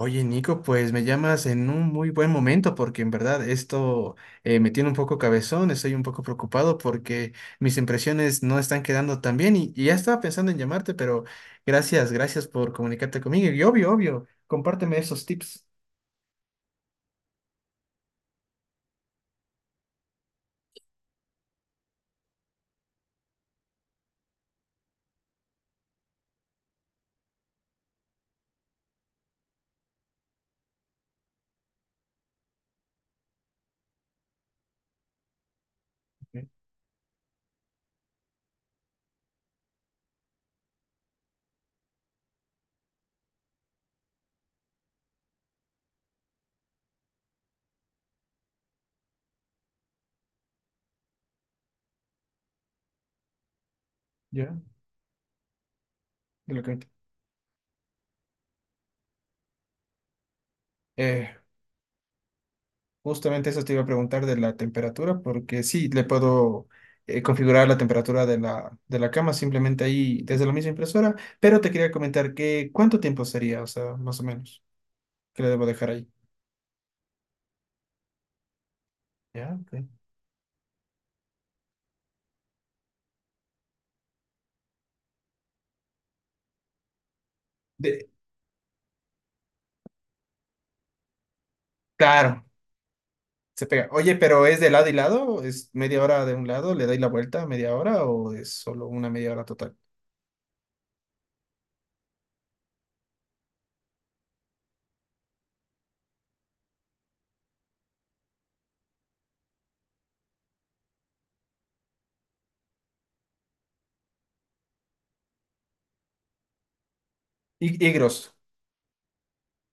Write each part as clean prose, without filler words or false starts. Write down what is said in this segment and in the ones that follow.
Oye, Nico, pues me llamas en un muy buen momento porque en verdad esto me tiene un poco cabezón, estoy un poco preocupado porque mis impresiones no están quedando tan bien y ya estaba pensando en llamarte, pero gracias por comunicarte conmigo y obvio, compárteme esos tips. Ok. Ya, de lo que- eh, justamente eso te iba a preguntar de la temperatura porque sí, le puedo configurar la temperatura de la cama simplemente ahí desde la misma impresora, pero te quería comentar que cuánto tiempo sería, o sea, más o menos, que lo debo dejar ahí. Ya, ok. De- claro, se pega. Oye, pero ¿es de lado y lado? ¿Es media hora de un lado? ¿Le dais la vuelta media hora o es solo una media hora total? Y grosso.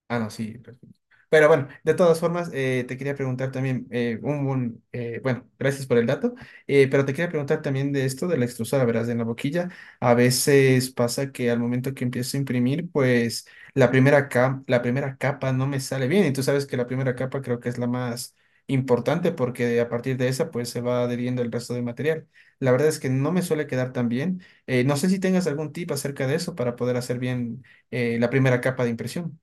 Ah, no, sí, perfecto. Pero bueno, de todas formas, te quería preguntar también, bueno, gracias por el dato, pero te quería preguntar también de esto de la extrusora, verás, de la boquilla. A veces pasa que al momento que empiezo a imprimir, pues la primera capa no me sale bien. Y tú sabes que la primera capa creo que es la más importante porque a partir de esa, pues se va adheriendo el resto del material. La verdad es que no me suele quedar tan bien. No sé si tengas algún tip acerca de eso para poder hacer bien, la primera capa de impresión.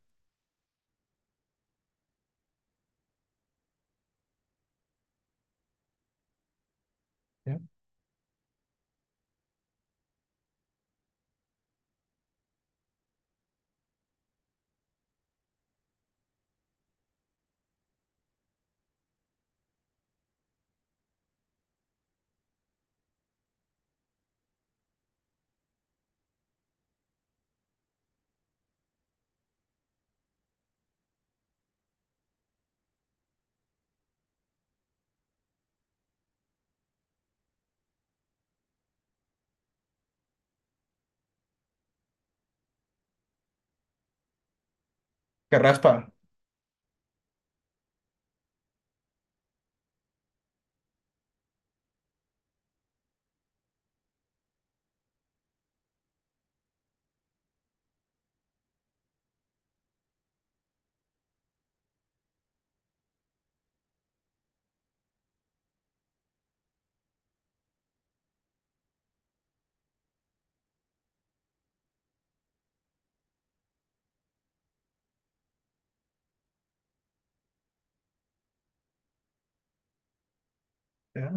Que raspa. Ya.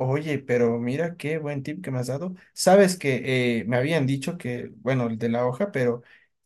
Oye, pero mira qué buen tip que me has dado. Sabes que me habían dicho que, bueno, el de la hoja, pero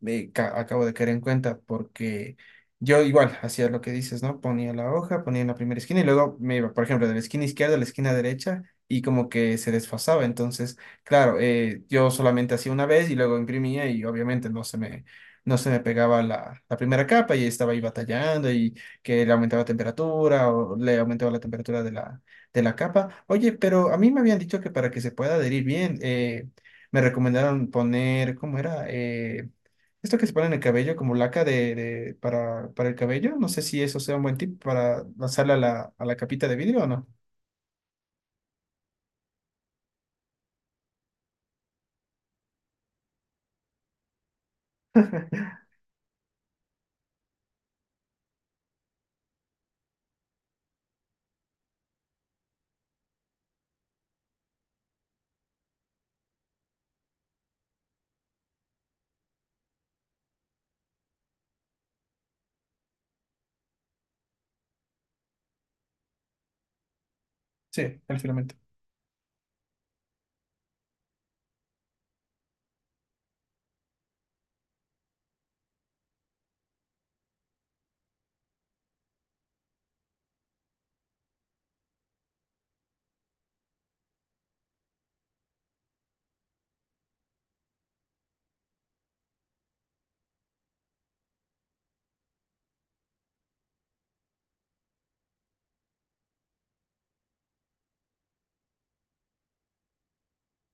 acabo de caer en cuenta porque yo igual hacía lo que dices, ¿no? Ponía la hoja, ponía en la primera esquina y luego me iba, por ejemplo, de la esquina izquierda a la esquina derecha y como que se desfasaba. Entonces, claro, yo solamente hacía una vez y luego imprimía y obviamente no se me pegaba la primera capa y estaba ahí batallando y que le aumentaba temperatura o le aumentaba la temperatura de la capa. Oye, pero a mí me habían dicho que para que se pueda adherir bien, me recomendaron poner, ¿cómo era? Esto que se pone en el cabello, como laca para el cabello. No sé si eso sea un buen tip para lanzarla a la capita de vidrio o no. Sí, el filamento.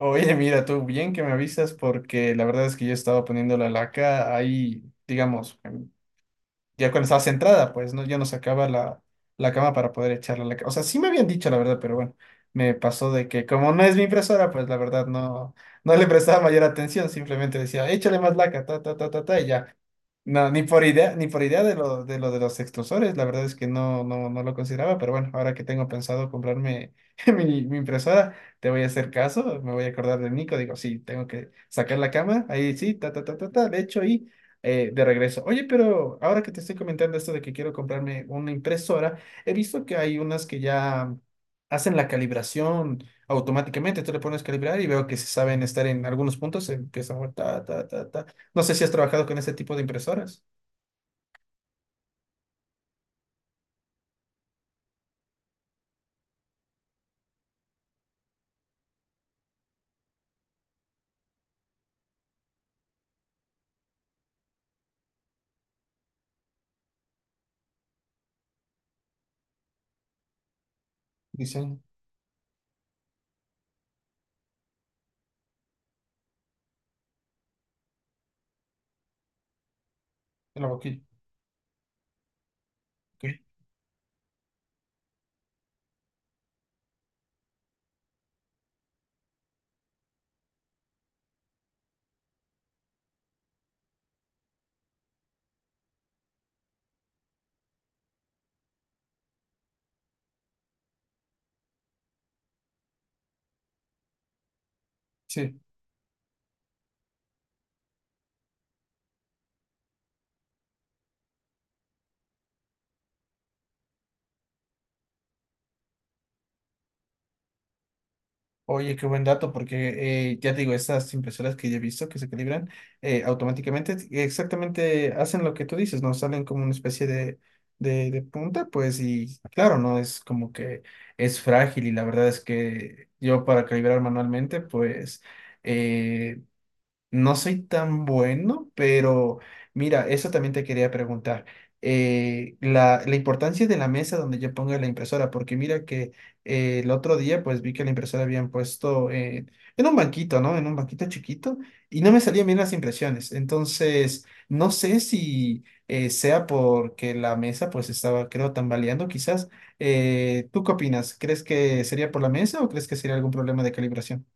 Oye, mira, tú bien que me avisas porque la verdad es que yo estaba poniendo la laca ahí, digamos, ya cuando estaba centrada, pues no, ya no sacaba la cama para poder echarla a O sea, sí me habían dicho la verdad, pero bueno, me pasó de que como no es mi impresora, pues la verdad no le prestaba mayor atención, simplemente decía, échale más laca, ta, ta, ta, ta, ta, y ya. No, ni por idea, ni por idea de lo de los extrusores, la verdad es que no lo consideraba, pero bueno, ahora que tengo pensado comprarme mi impresora, te voy a hacer caso, me voy a acordar de Nico, digo, sí, tengo que sacar la cama, ahí sí, ta, ta, ta, ta, ta, de hecho, y de regreso. Oye, pero ahora que te estoy comentando esto de que quiero comprarme una impresora, he visto que hay unas que ya hacen la calibración automáticamente, tú le pones calibrar y veo que se saben estar en algunos puntos, empiezan, a ta, ta, ta, ta. No sé si has trabajado con ese tipo de impresoras. Dicen en la boquilla. Ok. Sí. Oye, qué buen dato, porque ya te digo, estas impresoras que yo he visto que se calibran automáticamente, exactamente hacen lo que tú dices, ¿no? Salen como una especie de punta, pues, y claro, no es como que es frágil, y la verdad es que yo para calibrar manualmente, pues, eh, no soy tan bueno, pero mira, eso también te quería preguntar. La importancia de la mesa donde yo ponga la impresora, porque mira que el otro día pues vi que la impresora habían puesto en un banquito, ¿no? En un banquito chiquito y no me salían bien las impresiones. Entonces, no sé si sea porque la mesa pues estaba, creo, tambaleando quizás. ¿Tú qué opinas? ¿Crees que sería por la mesa o crees que sería algún problema de calibración?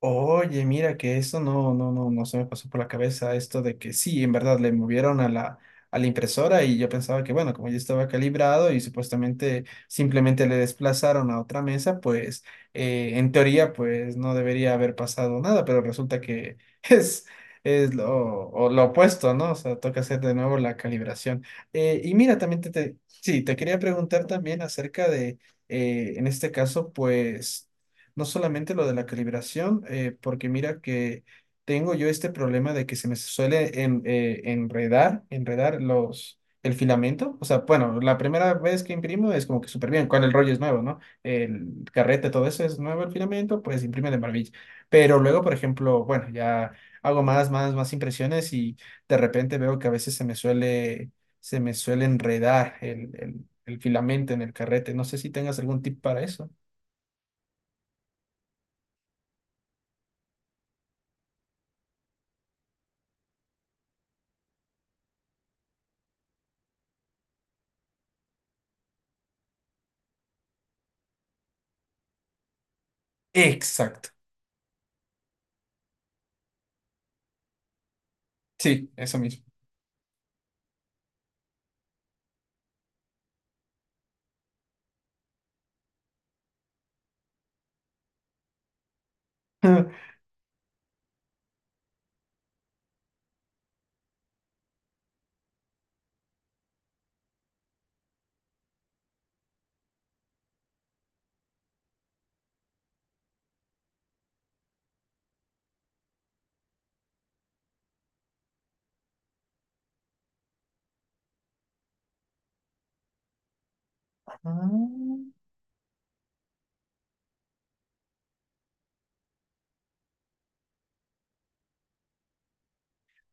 Oye, mira que eso no se me pasó por la cabeza esto de que sí, en verdad le movieron a a la impresora y yo pensaba que bueno, como ya estaba calibrado y supuestamente simplemente le desplazaron a otra mesa, pues en teoría pues no debería haber pasado nada, pero resulta que es, es lo, o lo opuesto, ¿no? O sea, toca hacer de nuevo la calibración. Y mira, también sí, te quería preguntar también acerca de, en este caso, pues... No solamente lo de la calibración, porque mira que tengo yo este problema de que se me suele en- enredar, enredar los, el filamento. O sea, bueno, la primera vez que imprimo es como que súper bien, cuando el rollo es nuevo, ¿no? El carrete, todo eso es nuevo, el filamento, pues imprime de maravilla. Pero luego, por ejemplo, bueno, ya hago más impresiones y de repente veo que a veces se me suele enredar el el filamento en el carrete. No sé si tengas algún tip para eso. Exacto. Sí, eso mismo.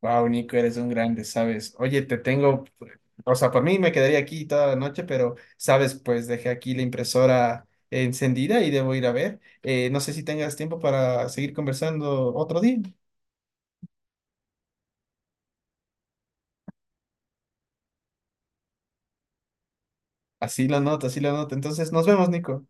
Wow, Nico, eres un grande, ¿sabes? Oye, te tengo, o sea, por mí me quedaría aquí toda la noche, pero, ¿sabes? Pues dejé aquí la impresora encendida y debo ir a ver. No sé si tengas tiempo para seguir conversando otro día. Así lo noto, así lo noto. Entonces, nos vemos, Nico.